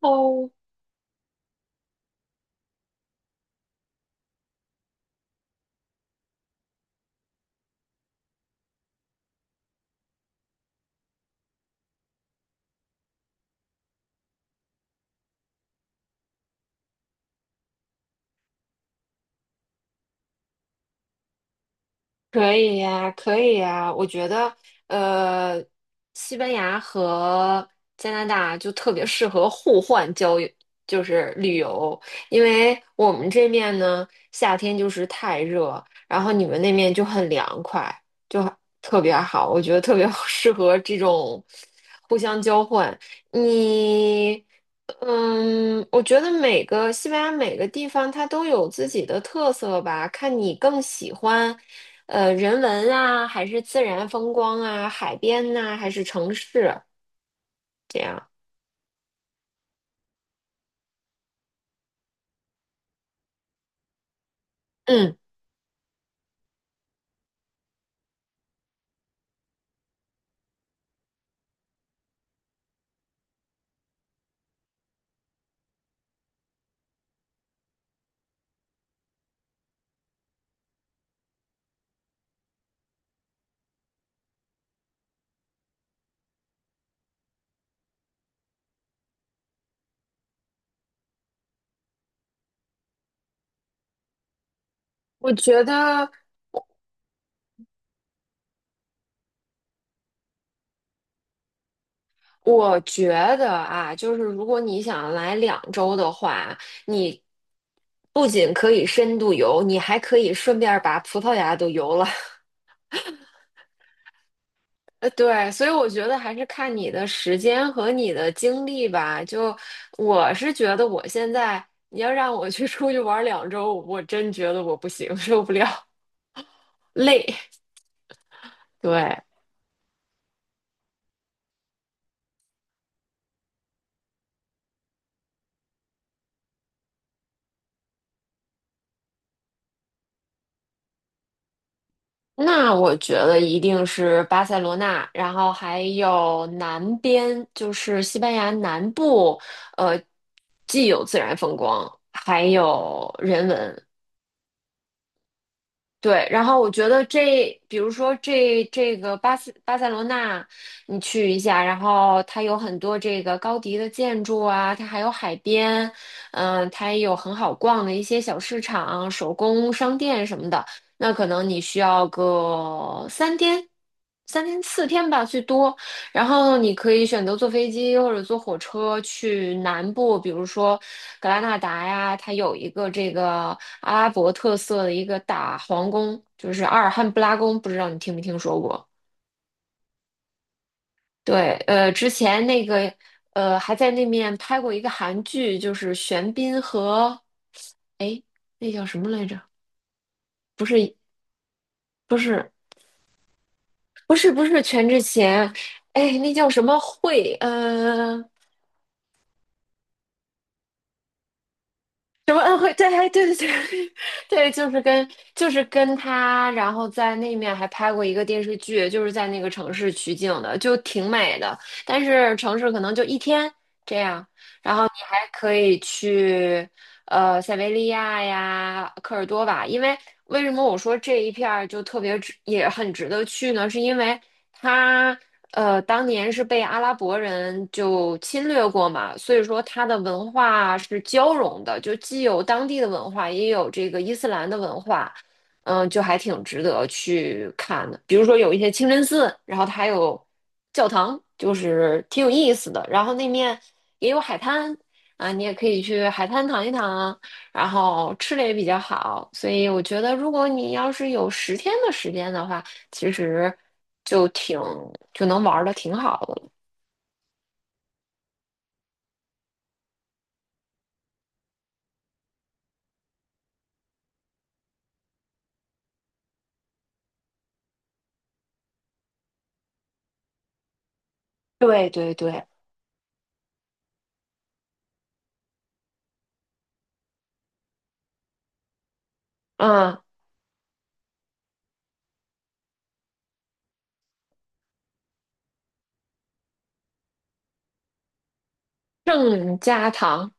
好，可以呀，可以呀，我觉得，呃，西班牙和加拿大就特别适合互换交友，就是旅游。因为我们这面呢，夏天就是太热，然后你们那面就很凉快，就很特别好。我觉得特别 适合这种互相交换。你，嗯，我觉得每个西班牙每个地方它都有自己的特色吧，看你更喜欢人文啊，还是自然风光啊，海边呐、还是城市这样？嗯，我觉得，我觉得啊，就是如果你想来两周的话，你不仅可以深度游，你还可以顺便把葡萄牙都游了。对，所以我觉得还是看你的时间和你的精力吧。就我是觉得，我现在你要让我去出去玩儿两周，我真觉得我不行，受不了，累。对。那我觉得一定是巴塞罗那，然后还有南边，就是西班牙南部，呃，既有自然风光，还有人文。对，然后我觉得这，比如说这个巴塞罗那，你去一下，然后它有很多这个高迪的建筑啊，它还有海边，嗯、它也有很好逛的一些小市场、手工商店什么的。那可能你需要个三天、3天4天吧，最多。然后你可以选择坐飞机或者坐火车去南部，比如说格拉纳达呀，它有一个这个阿拉伯特色的一个大皇宫，就是阿尔汉布拉宫，不知道你听没听说过？对，之前那个还在那面拍过一个韩剧，就是玄彬和哎那叫什么来着？不是不是不是全智贤，哎那叫什么慧？什么恩惠？对，对对对 对，就是跟他，然后在那面还拍过一个电视剧，就是在那个城市取景的，就挺美的。但是城市可能就1天这样。然后你还可以去塞维利亚呀、科尔多瓦，因为为什么我说这一片儿就特别值，也很值得去呢？是因为它当年是被阿拉伯人就侵略过嘛，所以说它的文化是交融的，就既有当地的文化，也有这个伊斯兰的文化。嗯，就还挺值得去看的。比如说有一些清真寺，然后它还有教堂，就是挺有意思的。然后那面也有海滩啊，你也可以去海滩躺一躺啊，然后吃的也比较好。所以我觉得，如果你要是有10天的时间的话，其实就挺就能玩的挺好的了。对对对。嗯，郑家堂，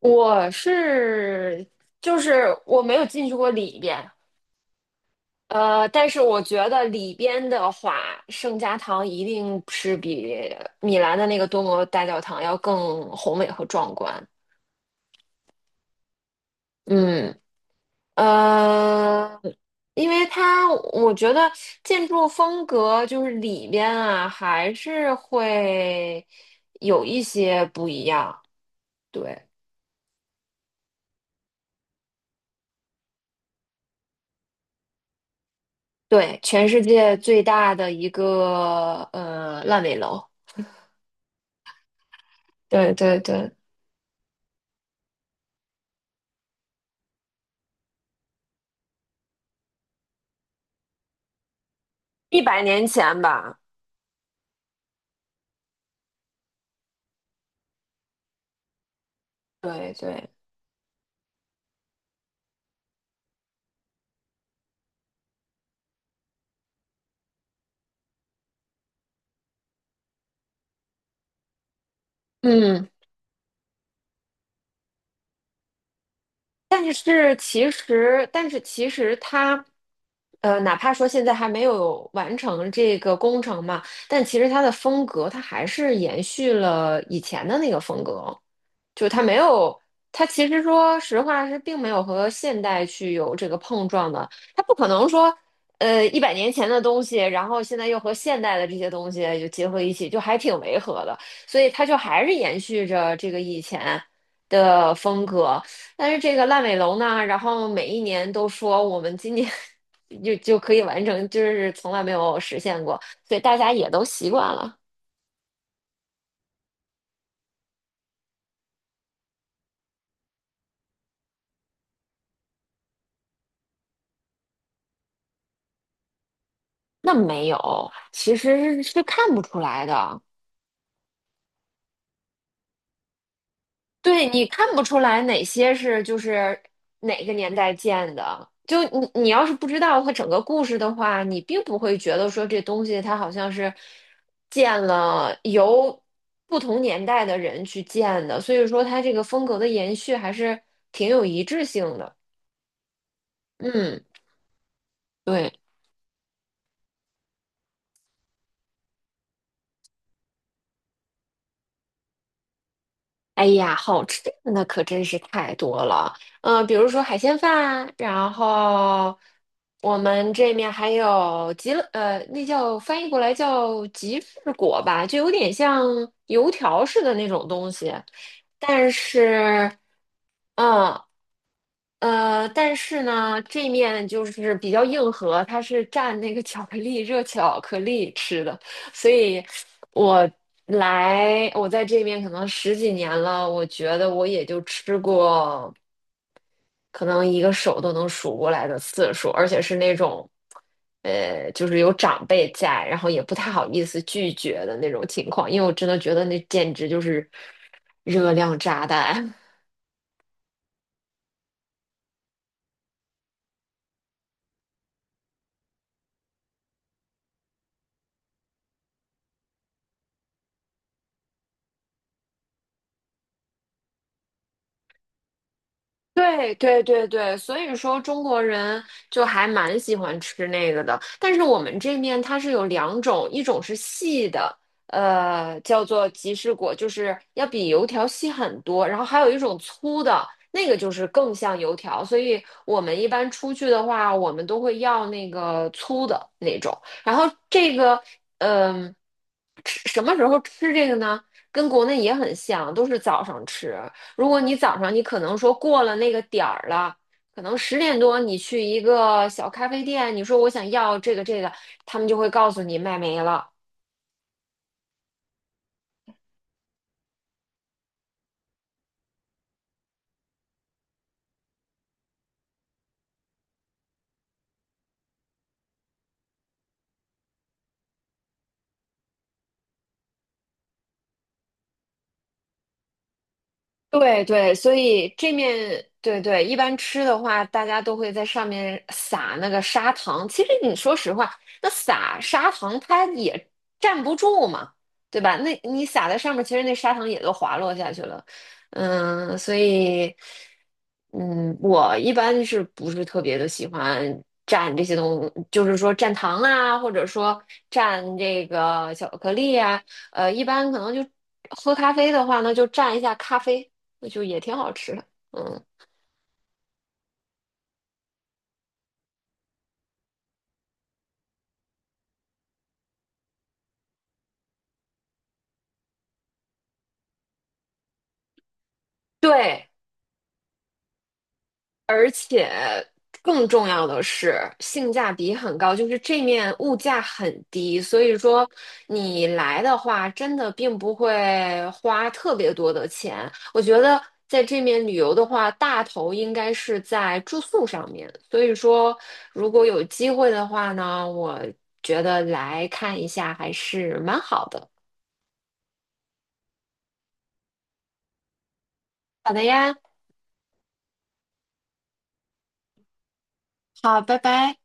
我是就是我没有进去过里边。呃，但是我觉得里边的话，圣家堂一定是比米兰的那个多摩大教堂要更宏伟和壮观。嗯，呃，因为它我觉得建筑风格就是里边啊，还是会有一些不一样。对对，全世界最大的一个烂尾楼。对对对，一百年前吧。对对，嗯。但是但是其实它，哪怕说现在还没有完成这个工程嘛，但其实它的风格，它还是延续了以前的那个风格，就它没有，它其实说实话是并没有和现代去有这个碰撞的。它不可能说，一百年前的东西，然后现在又和现代的这些东西就结合一起，就还挺违和的。所以它就还是延续着这个以前的风格。但是这个烂尾楼呢，然后每一年都说我们今年 就可以完成，就是从来没有实现过，所以大家也都习惯了。那没有，其实是看不出来的。对，你看不出来哪些是哪个年代建的。就你要是不知道它整个故事的话，你并不会觉得说这东西它好像是建了由不同年代的人去建的，所以说它这个风格的延续还是挺有一致性的。嗯，对。哎呀，好吃的那可真是太多了。嗯、比如说海鲜饭，然后我们这面还有吉乐，呃，那叫翻译过来叫吉士果吧，就有点像油条似的那种东西。但是，嗯但是呢，这面就是比较硬核，它是蘸那个巧克力，热巧克力吃的。所以来，我在这边可能10几年了，我觉得我也就吃过可能一个手都能数过来的次数，而且是那种，就是有长辈在，然后也不太好意思拒绝的那种情况，因为我真的觉得那简直就是热量炸弹。对对对对，所以说中国人就还蛮喜欢吃那个的。但是我们这面它是有两种，一种是细的，呃，叫做吉士果，就是要比油条细很多。然后还有一种粗的，那个就是更像油条。所以我们一般出去的话，我们都会要那个粗的那种。然后这个，嗯、吃什么时候吃这个呢？跟国内也很像，都是早上吃。如果你早上你可能说过了那个点儿了，可能10点多你去一个小咖啡店，你说我想要这个，他们就会告诉你卖没了。对对，所以这面对对，一般吃的话，大家都会在上面撒那个砂糖。其实你说实话，那撒砂糖它也站不住嘛，对吧？那你撒在上面，其实那砂糖也都滑落下去了。嗯，所以，嗯，我一般是不是特别的喜欢蘸这些东西，就是说蘸糖啊，或者说蘸这个巧克力啊。一般可能就喝咖啡的话呢，就蘸一下咖啡。那就也挺好吃的。嗯，对，而且更重要的是性价比很高，就是这面物价很低，所以说你来的话，真的并不会花特别多的钱。我觉得在这面旅游的话，大头应该是在住宿上面，所以说如果有机会的话呢，我觉得来看一下还是蛮好的。好的呀，好，拜拜。